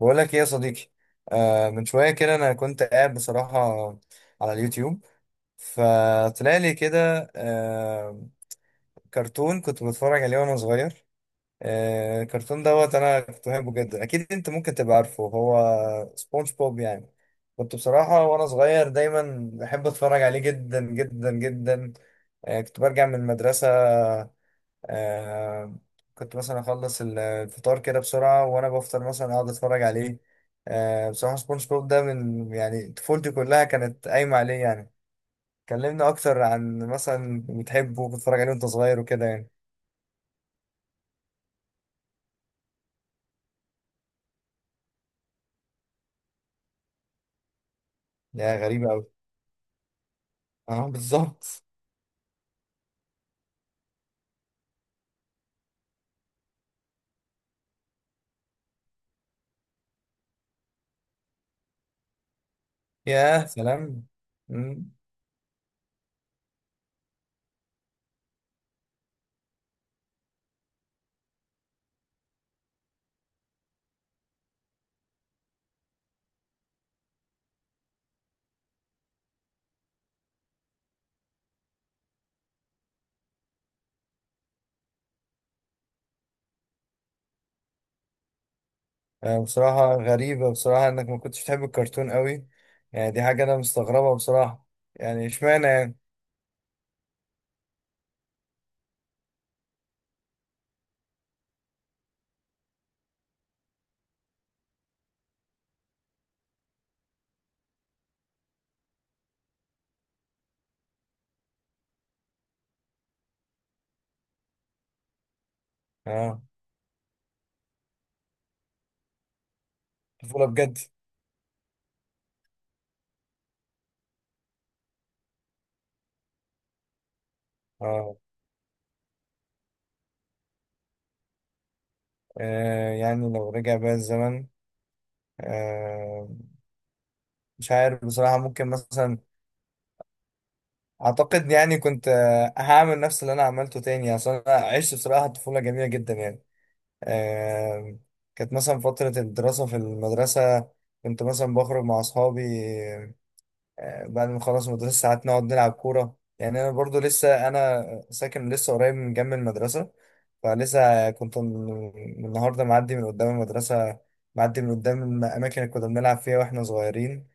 بقول لك ايه يا صديقي؟ من شويه كده انا كنت قاعد بصراحه على اليوتيوب، فطلع لي كده كرتون كنت بتفرج عليه وانا صغير. الكرتون دوت انا كنت بحبه جدا، اكيد انت ممكن تبقى عارفه، هو سبونج بوب يعني. كنت بصراحه وانا صغير دايما بحب اتفرج عليه جدا جدا جدا. كنت برجع من المدرسه. آه كنت مثلا اخلص الفطار كده بسرعه وانا بفطر مثلا اقعد اتفرج عليه. بصراحه سبونج بوب ده من يعني طفولتي كلها كانت قايمه عليه يعني. كلمنا اكتر عن مثلا بتحبه وبتتفرج عليه وانت صغير وكده يعني. يا غريبه قوي. اه بالظبط. يا سلام. مم. بصراحه غريبه بصراحه انك ما كنتش بتحب الكرتون قوي، يعني دي حاجه انا مستغربها بصراحه، يعني اشمعنى يعني؟ اه، طفوله بجد. اه، يعني لو رجع بقى الزمن، آه، مش عارف بصراحة، ممكن مثلا أعتقد يعني كنت، هعمل نفس اللي أنا عملته تاني. أصل أنا عشت بصراحة طفولة جميلة جدا يعني. آه، كانت مثلا فترة الدراسة في المدرسة، كنت مثلا بخرج مع أصحابي بعد ما نخلص المدرسة ساعات نقعد نلعب كورة، يعني أنا برضو لسه أنا ساكن لسه قريب من جنب المدرسة. فلسه كنت من النهاردة معدي من قدام المدرسة، معدي من قدام الأماكن اللي كنا بنلعب فيها وإحنا صغيرين.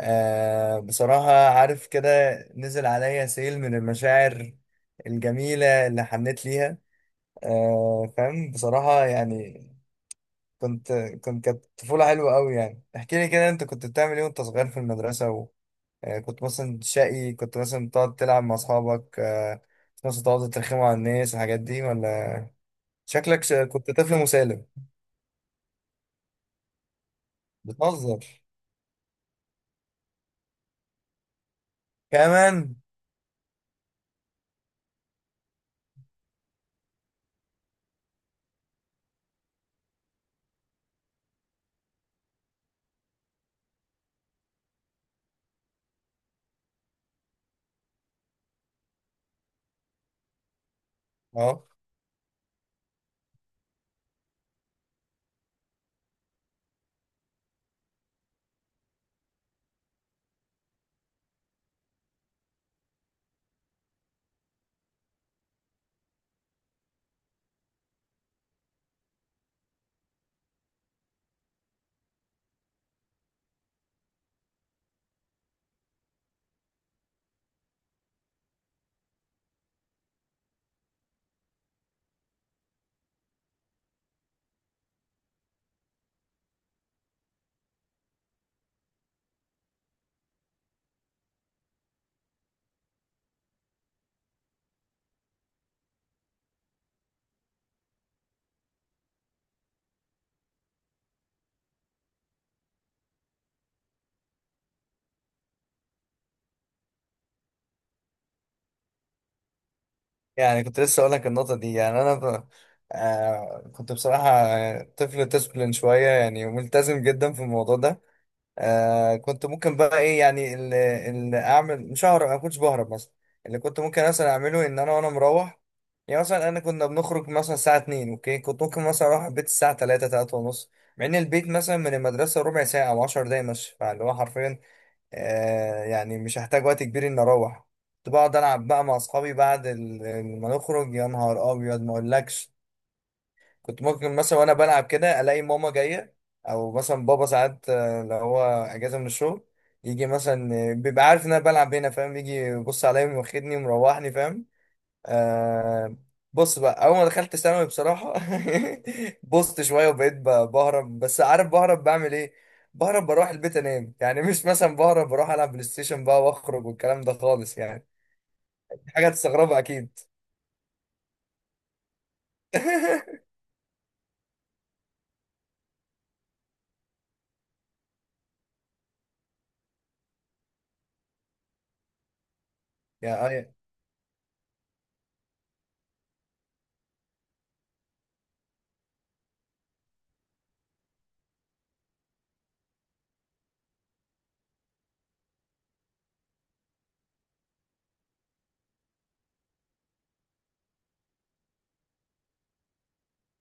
بصراحة عارف كده، نزل عليا سيل من المشاعر الجميلة اللي حنيت ليها. فاهم بصراحة يعني. كنت كنت كانت طفولة حلوة أوي يعني. احكي لي كده، أنت كنت بتعمل إيه وأنت صغير في المدرسة؟ وكنت مثلا شقي؟ كنت مثلا تقعد تلعب مع أصحابك؟ كنت مثلا تقعد ترخموا على الناس والحاجات دي ولا شكلك كنت طفل مسالم بتهزر كمان؟ أه، يعني كنت لسه اقول لك النقطه دي، يعني كنت بصراحه طفل ديسبلين شويه، يعني ملتزم جدا في الموضوع ده. كنت ممكن بقى ايه يعني اللي اعمل؟ مش ههرب، انا ما كنتش بهرب مثلا. اللي كنت ممكن مثلا اعمله ان انا وانا مروح، يعني مثلا انا كنا بنخرج مثلا الساعه 2، اوكي، كنت ممكن مثلا اروح البيت الساعه 3، 3 ونص، مع ان البيت مثلا من المدرسه ربع ساعه او 10 دقايق مشي، فاللي هو حرفيا يعني مش هحتاج وقت كبير اني اروح. كنت بقعد العب بقى مع اصحابي بعد ما نخرج، يا نهار ابيض ما اقولكش. كنت ممكن مثلا وانا بلعب كده الاقي ماما جايه، او مثلا بابا ساعات لو هو اجازه من الشغل يجي مثلا بيبقى عارف ان انا بلعب هنا فاهم، يجي يبص عليا وياخدني ومروحني فاهم. آه بص بقى، اول ما دخلت ثانوي بصراحه بصت شويه وبقيت بهرب. بس عارف بهرب بعمل ايه؟ بهرب بروح البيت انام، يعني مش مثلا بهرب بروح العب بلاي ستيشن بقى واخرج والكلام ده خالص يعني. حاجه تستغربها اكيد. يا اي.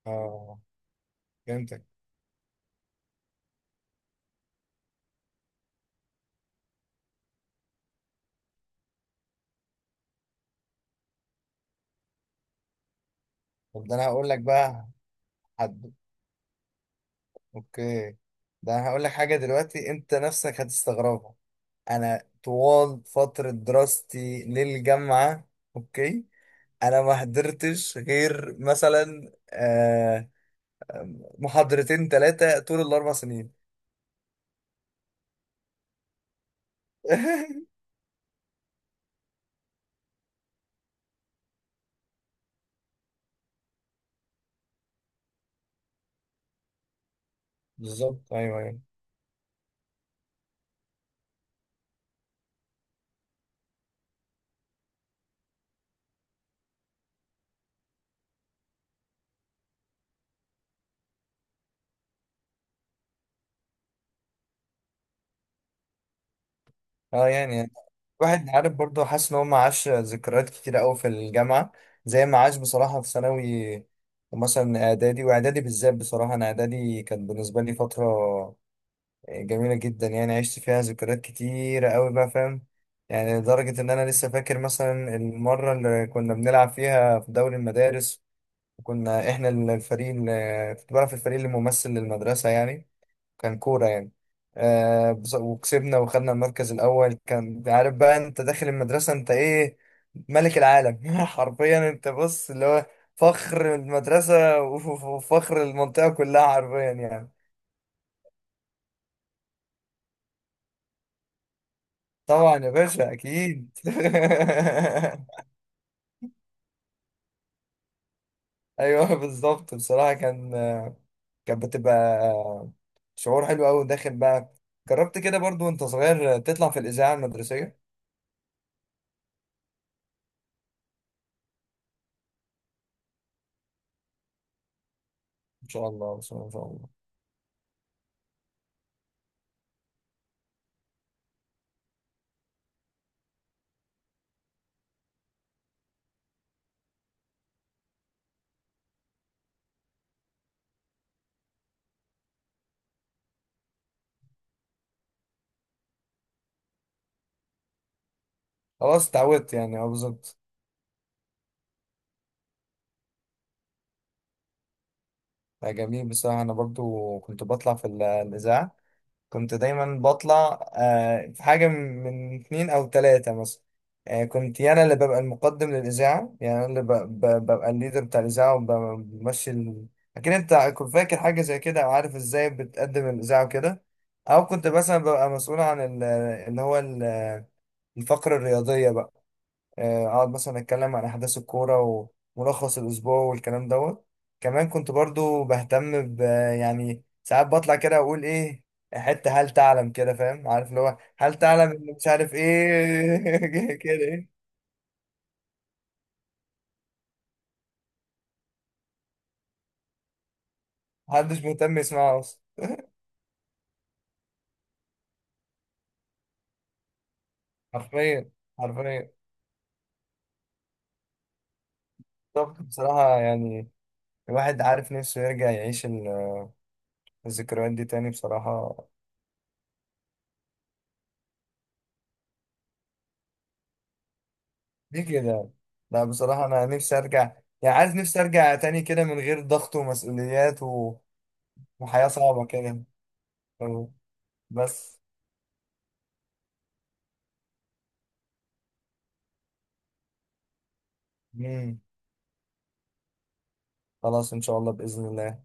اه، فهمتك. طب ده انا هقول لك بقى، حد، اوكي، ده انا هقول لك حاجه دلوقتي انت نفسك هتستغربها. انا طوال فتره دراستي للجامعه، اوكي، انا ما حضرتش غير مثلا محاضرتين 3 طول ال4 سنين. بالظبط، ايوه ايوه. اه، يعني الواحد عارف برضه، حاسس ان هو ما عاش ذكريات كتير قوي في الجامعه زي ما عاش بصراحه في ثانوي، ومثلا اعدادي. واعدادي بالذات بصراحه، انا اعدادي كانت بالنسبه لي فتره جميله جدا يعني، عشت فيها ذكريات كتيره قوي بقى فاهم. يعني لدرجه ان انا لسه فاكر مثلا المره اللي كنا بنلعب فيها في دوري المدارس. كنا احنا الفريق اللي كنت بلعب في الفريق اللي ممثل للمدرسة يعني، كان كورة يعني. وكسبنا وخدنا المركز الأول. كان عارف بقى، انت داخل المدرسة انت ايه؟ ملك العالم حرفيا. انت بص اللي هو فخر المدرسة وفخر المنطقة كلها حرفيا يعني. طبعا يا باشا، اكيد. ايوه بالظبط، بصراحة كان، كانت بتبقى شعور حلو قوي داخل بقى. جربت كده برضو وانت صغير تطلع في الإذاعة المدرسية؟ ان شاء الله، ان شاء الله، إن شاء الله. خلاص، اتعودت يعني، اه بالظبط. لا، جميل. بصراحه انا برضو كنت بطلع في الاذاعه. كنت دايما بطلع في حاجه من من 2 او 3 مثلا، كنت انا اللي ببقى المقدم للاذاعه، يعني انا اللي ببقى الليدر بتاع الاذاعه وبمشي ال... اكيد انت كنت فاكر حاجه زي كده، او عارف ازاي بتقدم الاذاعه وكده. او كنت مثلا ببقى مسؤول عن اللي هو ال- الفقره الرياضيه بقى. اقعد مثلا اتكلم عن احداث الكوره وملخص الاسبوع والكلام دوت. كمان كنت برضو بهتم ب، يعني ساعات بطلع كده اقول ايه، حته هل تعلم كده فاهم؟ عارف اللي هو هل تعلم ان مش عارف ايه كده ايه. محدش مهتم يسمعه اصلا. حرفيا، حرفيا. طب بصراحه، يعني الواحد عارف نفسه يرجع يعيش الذكريات دي تاني بصراحه؟ دي كده، لا، بصراحه انا نفسي ارجع، يعني عايز نفسي ارجع تاني كده من غير ضغط ومسؤوليات. الحياة صعبة كده، أه، بس. مم. خلاص، إن شاء الله بإذن الله.